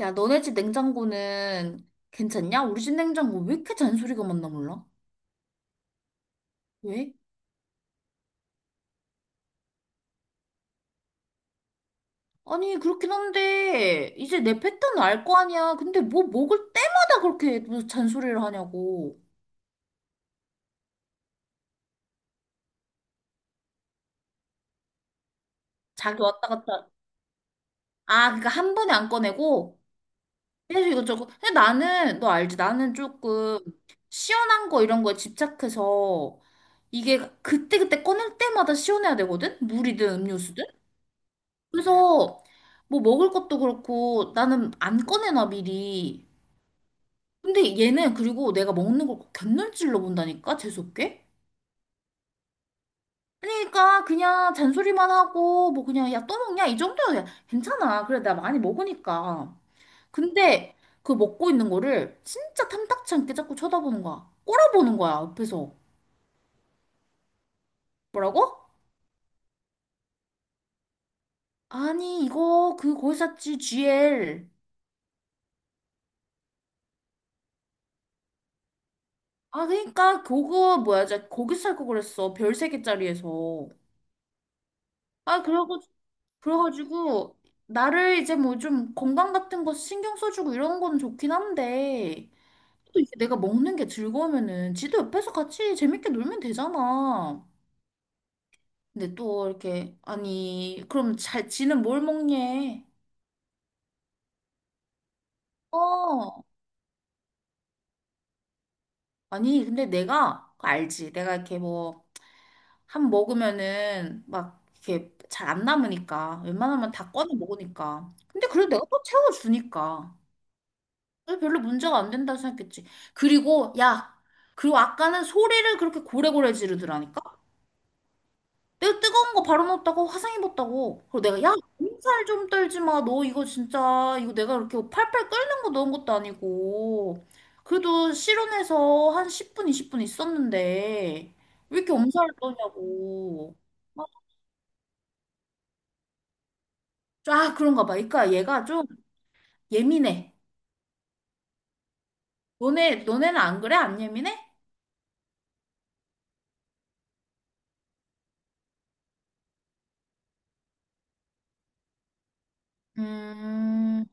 야, 너네 집 냉장고는 괜찮냐? 우리 집 냉장고 왜 이렇게 잔소리가 많나 몰라? 왜? 아니, 그렇긴 한데, 이제 내 패턴을 알 거 아니야. 근데 뭐 먹을 때마다 그렇게 무슨 잔소리를 하냐고. 자기 왔다 갔다. 아, 그러니까 한 번에 안 꺼내고, 계속 이것저것. 근데 나는, 너 알지? 나는 조금 시원한 거 이런 거에 집착해서, 이게 그때그때 꺼낼 때마다 시원해야 되거든? 물이든 음료수든? 그래서 뭐 먹을 것도 그렇고 나는 안 꺼내놔 미리. 근데 얘는, 그리고 내가 먹는 걸 곁눈질로 본다니까, 재수없게. 아니, 그러니까 그냥 잔소리만 하고, 뭐 그냥, 야 또 먹냐, 이 정도야. 괜찮아, 그래, 나 많이 먹으니까. 근데 그 먹고 있는 거를 진짜 탐탁치 않게 자꾸 쳐다보는 거야, 꼬라보는 거야 옆에서. 뭐라고? 아니, 이거 그 거기 샀지, GL. 아, 그러니까 그거 뭐야, 저 거기 살 거 그랬어, 별 세 개짜리에서. 아, 그러고, 그래가지고, 나를 이제 뭐 좀 건강 같은 거 신경 써주고 이런 건 좋긴 한데, 또 이제 내가 먹는 게 즐거우면은 지도 옆에서 같이 재밌게 놀면 되잖아. 근데 또 이렇게, 아니, 그럼 잘, 지는 뭘 먹냐? 어, 아니, 근데 내가 그거 알지. 내가 이렇게 뭐, 한 먹으면은 막 이렇게 잘 안 남으니까. 웬만하면 다 꺼내 먹으니까. 근데 그래도 내가 또 채워주니까. 그래서 별로 문제가 안 된다고 생각했지. 그리고, 야, 그리고 아까는 소리를 그렇게 고래고래 지르더라니까? 내가 뜨거운 거 바로 넣었다고 화상 입었다고. 그리고 내가, 야, 몸살 좀 떨지 마. 너 이거 진짜, 이거 내가 이렇게 팔팔 끓는 거 넣은 것도 아니고. 그래도 실온에서 한 10분, 20분 있었는데, 왜 이렇게 엄살을 떠냐고. 막, 아, 그런가 봐. 그러니까 얘가 좀 예민해. 너네는 안 그래? 안 예민해? 음,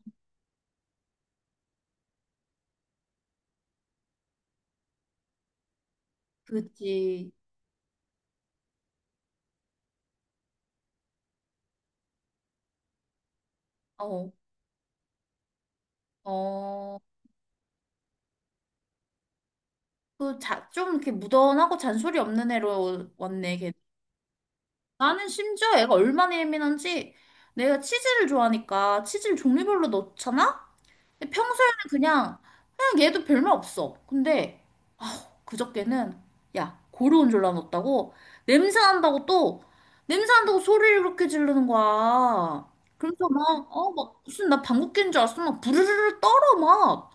그치. 어, 어, 그 자, 좀 이렇게 무던하고 잔소리 없는 애로 왔네, 걔. 나는 심지어 애가 얼마나 예민한지, 내가 치즈를 좋아하니까 치즈를 종류별로 넣잖아? 근데 평소에는 그냥, 그냥 얘도 별말 없어. 근데 그저께는, 야, 고르곤졸라 넣었다고? 냄새 난다고 또, 냄새 난다고 소리를 그렇게 지르는 거야. 그래서 막, 어, 막, 무슨 나 방귀 뀐줄 알았어. 막 부르르르 떨어, 막.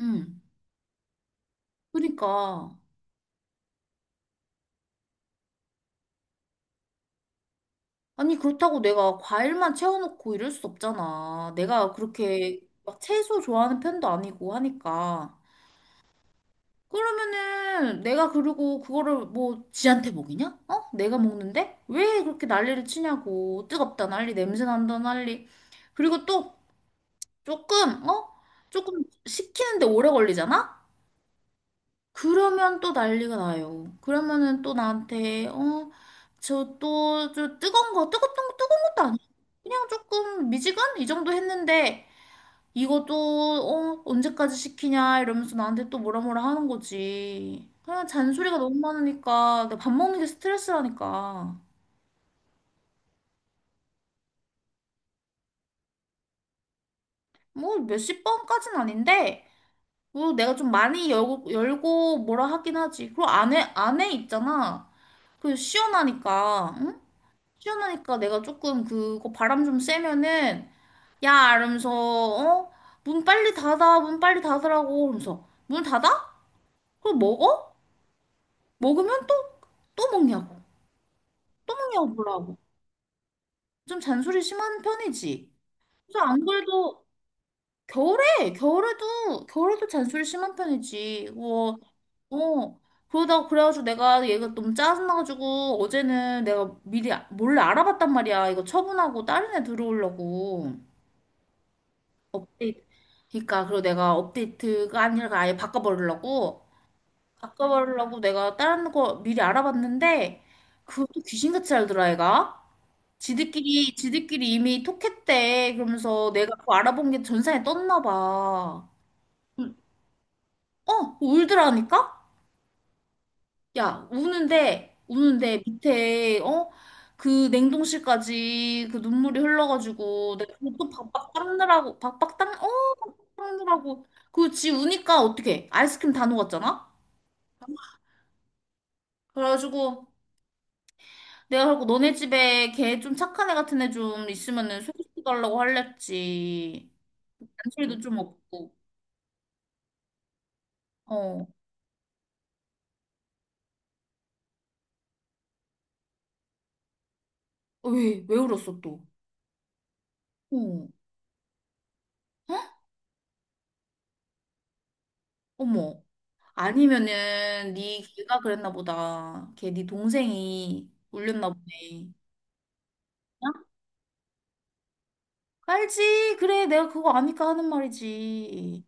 응, 그러니까. 아니, 그렇다고 내가 과일만 채워놓고 이럴 수 없잖아. 내가 그렇게 막 채소 좋아하는 편도 아니고 하니까. 그러면은 내가, 그리고 그거를 뭐 지한테 먹이냐? 어? 내가 먹는데? 왜 그렇게 난리를 치냐고. 뜨겁다 난리, 냄새 난다 난리. 그리고 또 조금, 어? 조금 식히는데 오래 걸리잖아? 그러면 또 난리가 나요. 그러면은 또 나한테, 어, 저 또, 저 뜨거운 거, 뜨겁던 거, 뜨거운 것도 아니야. 그냥 조금 미지근? 이 정도 했는데, 이것도, 어, 언제까지 시키냐, 이러면서 나한테 또 뭐라 뭐라 하는 거지. 그냥 잔소리가 너무 많으니까, 내가 밥 먹는 게 스트레스라니까. 뭐 몇십 번까진 아닌데, 뭐 내가 좀 많이 열고, 열고 뭐라 하긴 하지. 그리고 안에 있잖아. 그 시원하니까. 응? 시원하니까 내가 조금 그거 바람 좀 쐬면은, 야 이러면서, 어? 문 빨리 닫아, 문 빨리 닫으라고 그러면서. 문 닫아? 그럼 먹어? 먹으면 또, 또 먹냐고, 또 먹냐고 뭐라고. 좀 잔소리 심한 편이지. 그래서 안 그래도 겨울에, 겨울에도 잔소리 심한 편이지 뭐. 어, 그러다가 그래가지고 내가, 얘가 너무 짜증나가지고 어제는 내가 미리 몰래 알아봤단 말이야, 이거 처분하고 다른 애 들어오려고. 업데이트. 그러니까, 그리고 내가 업데이트가 아니라 아예 바꿔버리려고, 내가 다른 거 미리 알아봤는데, 그것도 귀신같이 알더라, 애가. 지들끼리 이미 톡했대. 그러면서 내가 그거 알아본 게 전산에 떴나 봐. 음, 어, 울더라니까? 야, 우는데 밑에, 어? 그 냉동실까지 그 눈물이 흘러가지고, 내가 그것도 박박 닦느라고, 박박 닦, 어? 박박 닦느라고. 그 지 우니까 어떡해. 아이스크림 다 녹았잖아? 그래가지고, 내가 그고 너네 집에 걔 좀 착한 애 같은 애 좀 있으면은 소개시켜달라고 할랬지. 잔소리도 좀 없고. 어. 왜, 왜 울었어 또? 어. 어? 어머. 아니면은 네 걔가 그랬나 보다. 걔 네 동생이 울렸나 보네. 어? 알지? 그래, 내가 그거 아니까 하는 말이지.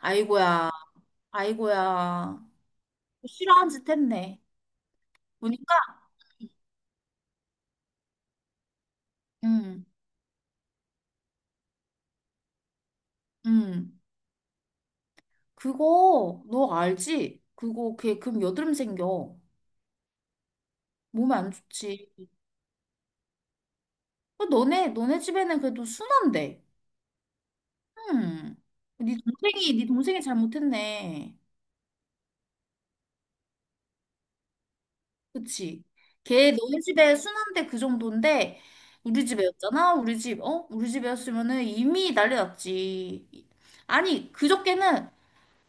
아이고야, 아이고야. 싫어한 짓 했네. 보니까, 응, 응. 그거 너 알지? 그거 걔 금 여드름 생겨. 몸에 안 좋지. 어, 너네 집에는 그래도 순한데. 응. 네 동생이 잘못했네. 그치. 걔 너희 집에 순한데 그 정도인데, 우리 집에였잖아. 우리 집, 어? 우리 집에였으면은 이미 난리 났지. 아니 그저께는,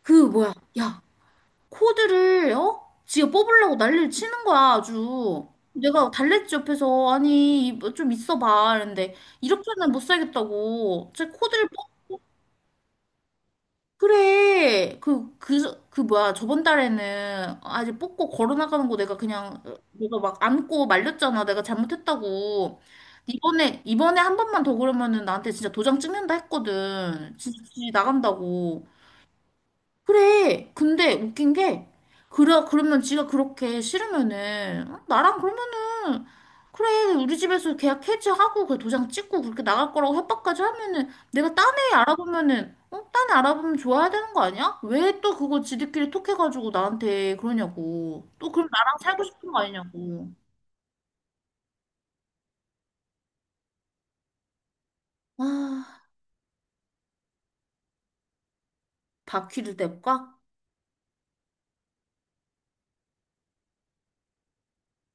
그 뭐야? 야, 코드를, 어? 지가 뽑으려고 난리를 치는 거야 아주. 내가 달랬지, 옆에서, 아니 뭐 좀 있어봐, 이랬는데, 이렇게는 못 살겠다고 제 코드를. 그래. 그 뭐야. 저번 달에는 아직 뽑고 걸어나가는 거 내가 그냥, 내가 막 안고 말렸잖아. 내가 잘못했다고. 이번에 한 번만 더 그러면은 나한테 진짜 도장 찍는다 했거든. 진짜 나간다고. 그래. 근데 웃긴 게, 그러면 지가 그렇게 싫으면은, 어, 나랑 그러면은, 그래, 우리 집에서 계약 해지하고, 그 도장 찍고, 그렇게 나갈 거라고 협박까지 하면은, 내가 딴 애 알아보면은, 어, 딴 애 알아보면 좋아야 되는 거 아니야? 왜 또 그거 지들끼리 톡해가지고 나한테 그러냐고. 또 그럼 나랑 살고 싶은 거 아니냐고. 아, 바퀴를 댈까?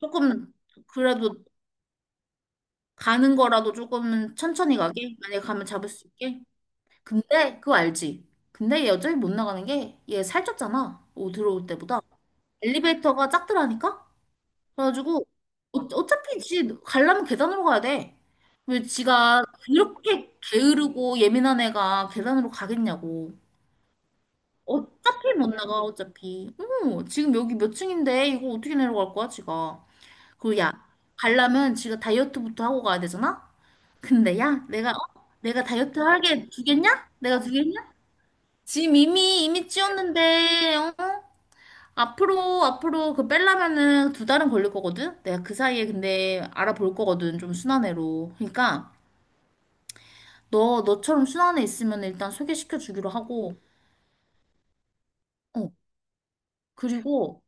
조금, 그래도 가는 거라도 조금은 천천히 가게? 만약에 가면 잡을 수 있게? 근데 그거 알지? 근데 여전히 못 나가는 게, 얘 살쪘잖아. 오, 들어올 때보다 엘리베이터가 작더라니까. 그래가지고, 어, 어차피 지 가려면 계단으로 가야 돼. 왜 지가 그렇게 게으르고 예민한 애가 계단으로 가겠냐고. 어차피 못 나가, 어차피. 어, 지금 여기 몇 층인데 이거 어떻게 내려갈 거야 지가. 그리고 야, 가려면 지가 다이어트부터 하고 가야 되잖아. 근데 야, 내가, 어? 내가 다이어트 하게 주겠냐? 내가 주겠냐? 지금 이미 찌웠는데, 어? 앞으로 그 빼려면은 두 달은 걸릴 거거든. 내가 그 사이에 근데 알아볼 거거든, 좀 순한 애로. 그러니까 너, 너처럼 순한 애 있으면 일단 소개시켜 주기로 하고. 어, 그리고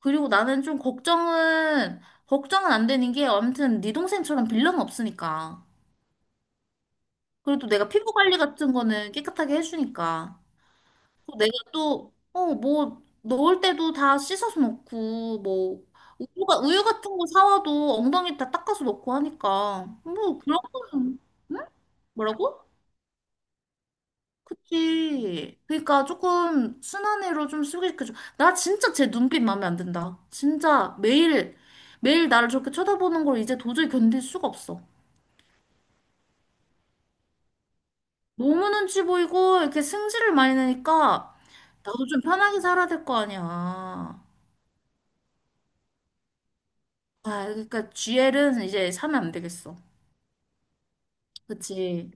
나는 좀 걱정은, 안 되는 게, 아무튼 네 동생처럼 빌런 없으니까. 그래도 내가 피부 관리 같은 거는 깨끗하게 해주니까. 어, 내가 또, 어, 뭐, 넣을 때도 다 씻어서 넣고, 뭐, 우유 같은 거 사와도 엉덩이 다 닦아서 넣고 하니까. 뭐, 그런 거는. 응? 뭐라고? 그치. 그러니까 조금 순한 애로 좀 소개시켜줘. 나 진짜 제 눈빛 마음에 안 든다. 진짜 매일, 매일 나를 저렇게 쳐다보는 걸 이제 도저히 견딜 수가 없어. 너무 눈치 보이고, 이렇게 승질을 많이 내니까, 나도 좀 편하게 살아야 될 거 아니야. 아, 그러니까 GL은 이제 사면 안 되겠어. 그치?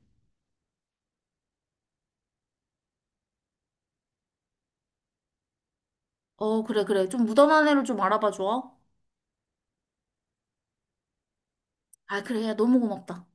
어, 그래, 그래. 좀 무던한 애를 좀 알아봐 줘. 아, 그래. 야, 너무 고맙다.